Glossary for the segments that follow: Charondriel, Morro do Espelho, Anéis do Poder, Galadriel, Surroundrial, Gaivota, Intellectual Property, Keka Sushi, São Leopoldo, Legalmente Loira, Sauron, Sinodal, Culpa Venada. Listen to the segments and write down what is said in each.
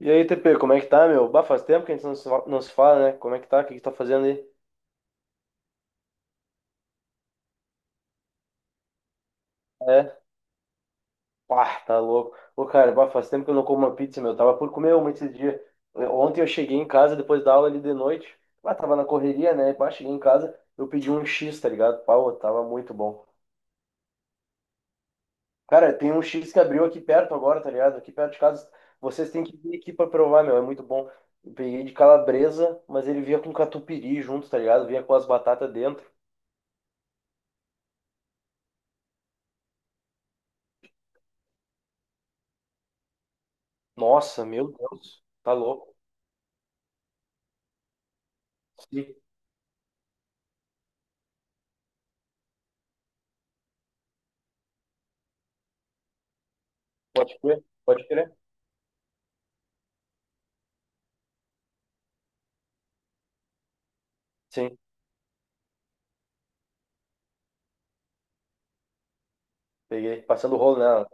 E aí, TP, como é que tá, meu? Bah, faz tempo que a gente não se fala, né? Como é que tá? O que que tá fazendo aí? É? Pá, tá louco. Ô, cara, bah, faz tempo que eu não como uma pizza, meu. Tava por comer uma esses dias. Ontem eu cheguei em casa depois da aula ali de noite. Bah, tava na correria, né? Bah, cheguei em casa, eu pedi um X, tá ligado? Pau, tava muito bom. Cara, tem um X que abriu aqui perto agora, tá ligado? Aqui perto de casa. Vocês têm que vir aqui pra provar, meu. É muito bom. Eu peguei de calabresa, mas ele vinha com catupiry junto, tá ligado? Vinha com as batatas dentro. Nossa, meu Deus. Tá louco. Sim, pode crer, pode crer. Sim, peguei. Passando o rolo nela.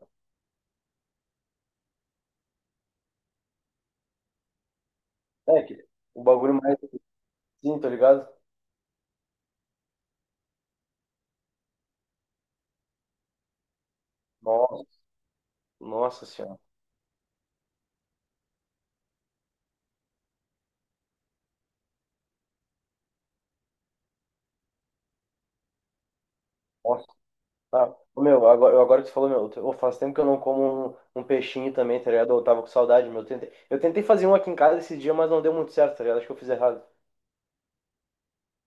É, que o bagulho mais assim, tá ligado? Nossa, nossa senhora. Nossa, tá. Ô, meu, agora que você falou, meu, faz tempo que eu não como um peixinho também, tá ligado? Eu tava com saudade, meu. Eu tentei fazer um aqui em casa esse dia, mas não deu muito certo, tá ligado? Acho que eu fiz errado.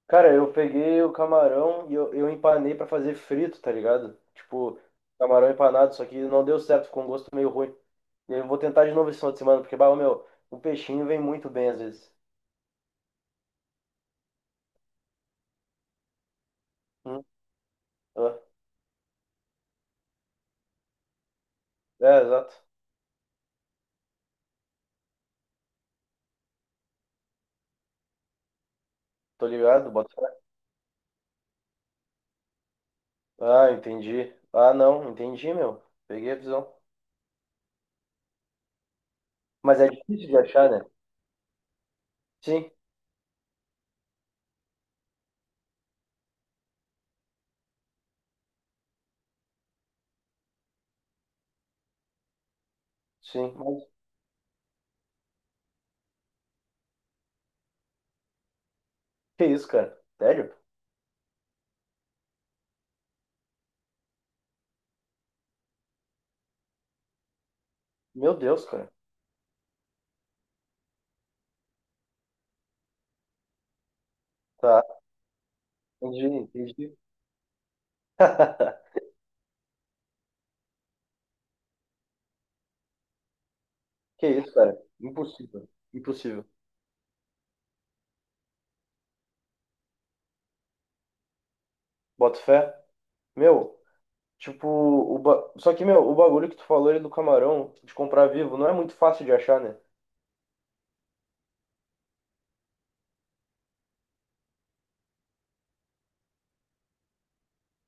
Cara, eu peguei o camarão eu empanei pra fazer frito, tá ligado? Tipo, camarão empanado, só que não deu certo, ficou um gosto meio ruim. E eu vou tentar de novo esse final de semana, porque, bah, ô, meu, o peixinho vem muito bem às vezes. Hum, ah, é, exato. Tô ligado, bota fé. Ah, entendi. Ah, não, entendi, meu. Peguei a visão. Mas é difícil de achar, né? Sim, sim. Mas que isso, cara? Sério? Meu Deus, cara. Tá, entendi, entendi. Que isso, cara? Impossível. Impossível. Bota fé. Meu, tipo, só que, meu, o bagulho que tu falou aí do camarão, de comprar vivo, não é muito fácil de achar, né?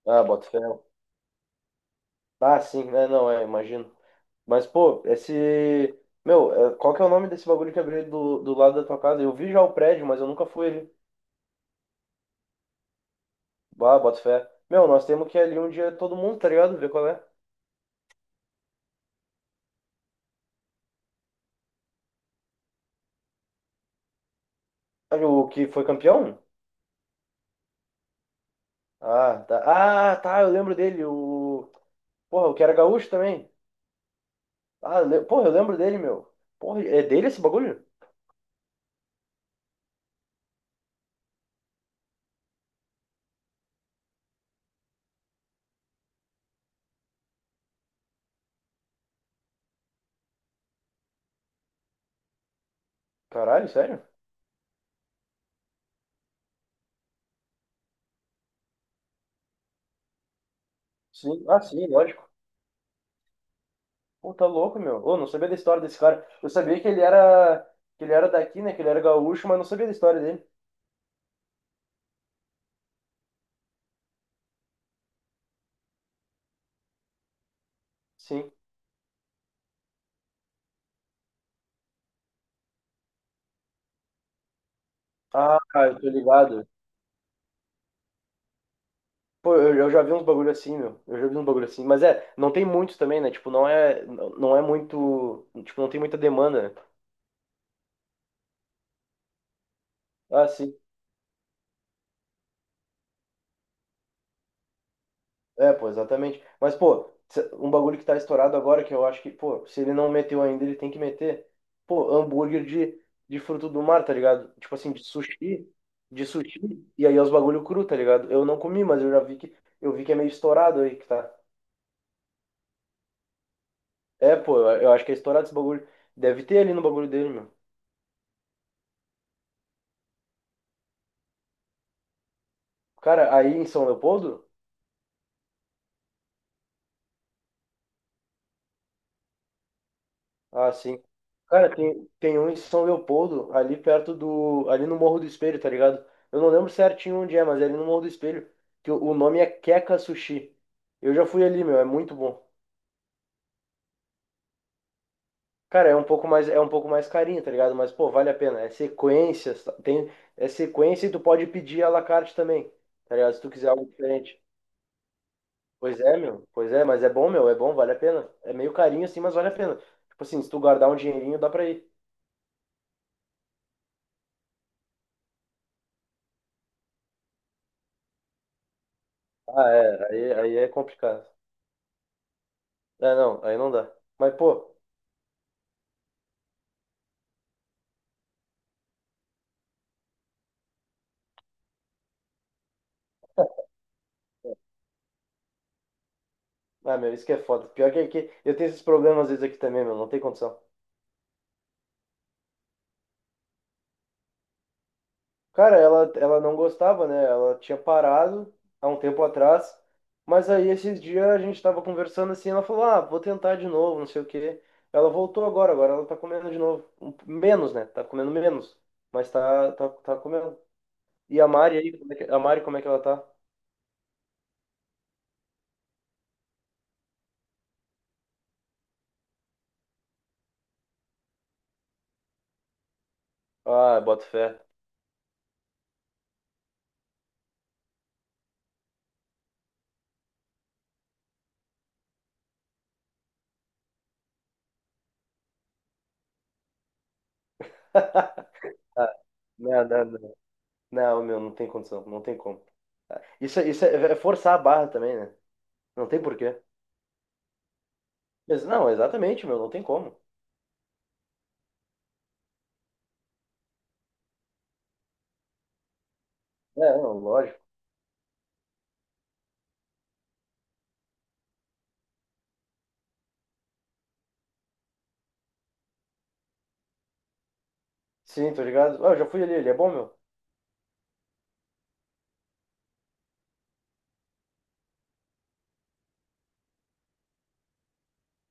Ah, bota fé. Ah, sim, né? Não, é, imagino. Mas, pô, esse. Meu, é, qual que é o nome desse bagulho que abriu do lado da tua casa? Eu vi já o prédio, mas eu nunca fui ali. Ah, bota fé. Meu, nós temos que ir ali um dia todo mundo, tá ligado? Ver qual é. Ah, o que foi campeão? Ah, tá. Ah, tá, eu lembro dele. O. Porra, o que era gaúcho também. Porra, eu lembro dele, meu. Porra, é dele esse bagulho? Caralho, sério? Sim, ah, sim, lógico. Pô, tá louco, meu. Ô, não sabia da história desse cara. Eu sabia que ele era daqui, né? Que ele era gaúcho, mas não sabia da história dele. Sim. Ah, eu tô ligado. Pô, eu já vi uns bagulho assim, meu. Eu já vi uns bagulho assim. Mas é, não tem muitos também, né? Tipo, não é muito. Tipo, não tem muita demanda, né? Ah, sim. É, pô, exatamente. Mas, pô, um bagulho que tá estourado agora, que eu acho que, pô, se ele não meteu ainda, ele tem que meter. Pô, de fruto do mar, tá ligado? Tipo assim, de sushi, e aí é os bagulho cru, tá ligado? Eu não comi, mas eu vi que é meio estourado aí que tá. É, pô, eu acho que é estourado esse bagulho. Deve ter ali no bagulho dele, meu. Cara, aí em São Leopoldo, ah, sim. Cara, tem um em São Leopoldo, ali perto do. Ali no Morro do Espelho, tá ligado? Eu não lembro certinho onde é, mas é ali no Morro do Espelho. Que o nome é Keka Sushi. Eu já fui ali, meu, é muito bom. Cara, é um pouco mais carinho, tá ligado? Mas, pô, vale a pena. É sequência, tem, é sequência e tu pode pedir à la carte também, tá ligado? Se tu quiser algo diferente. Pois é, meu. Pois é, mas é bom, meu. É bom, vale a pena. É meio carinho assim, mas vale a pena. Tipo assim, se tu guardar um dinheirinho, dá pra ir. Ah, é. Aí, aí é complicado. É, não, aí não dá. Mas, pô, ah, meu, isso que é foda. Pior que aqui, eu tenho esses problemas às vezes aqui também, meu, não tem condição. Cara, ela não gostava, né? Ela tinha parado há um tempo atrás, mas aí esses dias a gente tava conversando assim, ela falou, ah, vou tentar de novo, não sei o quê. Ela voltou agora, agora ela tá comendo de novo. Menos, né? Tá comendo menos, mas tá comendo. E a Mari aí, como é que, a Mari, como é que ela tá? Ah, boto fé. Ah, não. Não, meu, não tem condição, não tem como. Isso, isso é, é forçar a barra também, né? Não tem porquê. Mas não, exatamente, meu, não tem como. É, não, lógico. Sim, tô ligado. Ah, eu já fui ali, ele é bom, meu.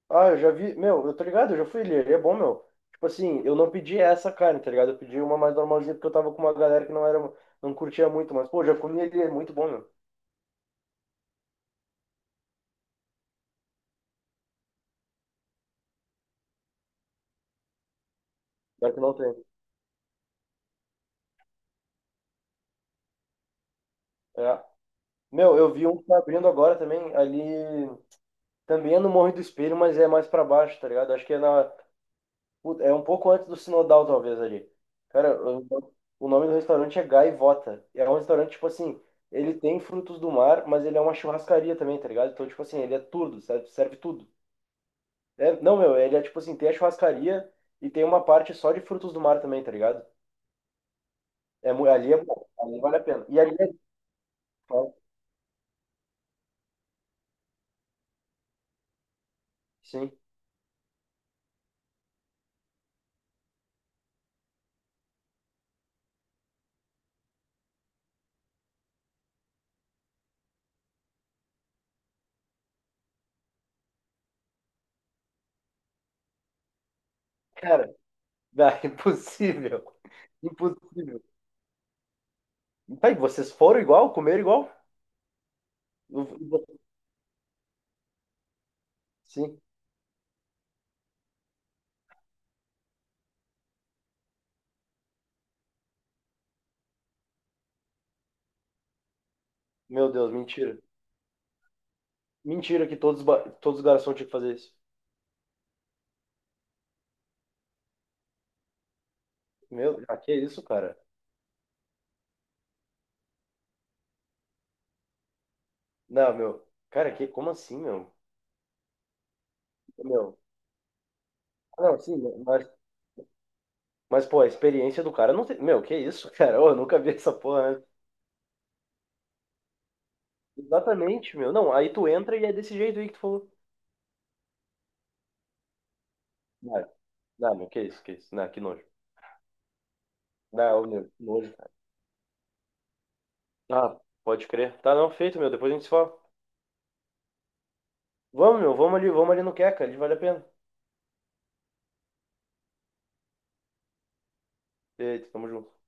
Ah, eu já vi, meu, eu tô ligado, eu já fui ali, ele é bom, meu. Tipo assim, eu não pedi essa carne, tá ligado? Eu pedi uma mais normalzinha porque eu tava com uma galera que não era, não curtia muito, mas pô, já comi ele, é muito bom, meu. Pior que não tem. É. Meu, eu vi um que tá abrindo agora também, ali, também é no Morro do Espelho, mas é mais pra baixo, tá ligado? Acho que é na, puta, é um pouco antes do Sinodal, talvez, ali. Cara, o nome do restaurante é Gaivota. É um restaurante, tipo assim, ele tem frutos do mar, mas ele é uma churrascaria também, tá ligado? Então, tipo assim, ele é tudo, serve, serve tudo. É, não, meu, ele é tipo assim, tem a churrascaria e tem uma parte só de frutos do mar também, tá ligado? É, ali é bom, ali vale a pena. E ali é... Sim. Cara, dá, impossível. Impossível. Tá, e vocês foram igual, comeram igual? Eu- eu- Sim. Meu Deus, mentira. Mentira que todos, todos os garçons tinham que fazer isso. Meu, ah, que isso, cara? Não, meu. Cara, que, como assim, meu? Meu. Ah, não, sim, mas, mas, pô, a experiência do cara não tem. Meu, que isso, cara? Ô, eu nunca vi essa porra antes. Exatamente, meu. Não, aí tu entra e é desse jeito aí que tu falou. Não, não, meu, que isso, que isso? Não, que nojo. Não, meu, que nojo, cara. Ah, pode crer. Tá, não, feito, meu. Depois a gente se fala. Vamos, meu, vamos ali no Queca, ali vale a pena. Eita, tamo junto.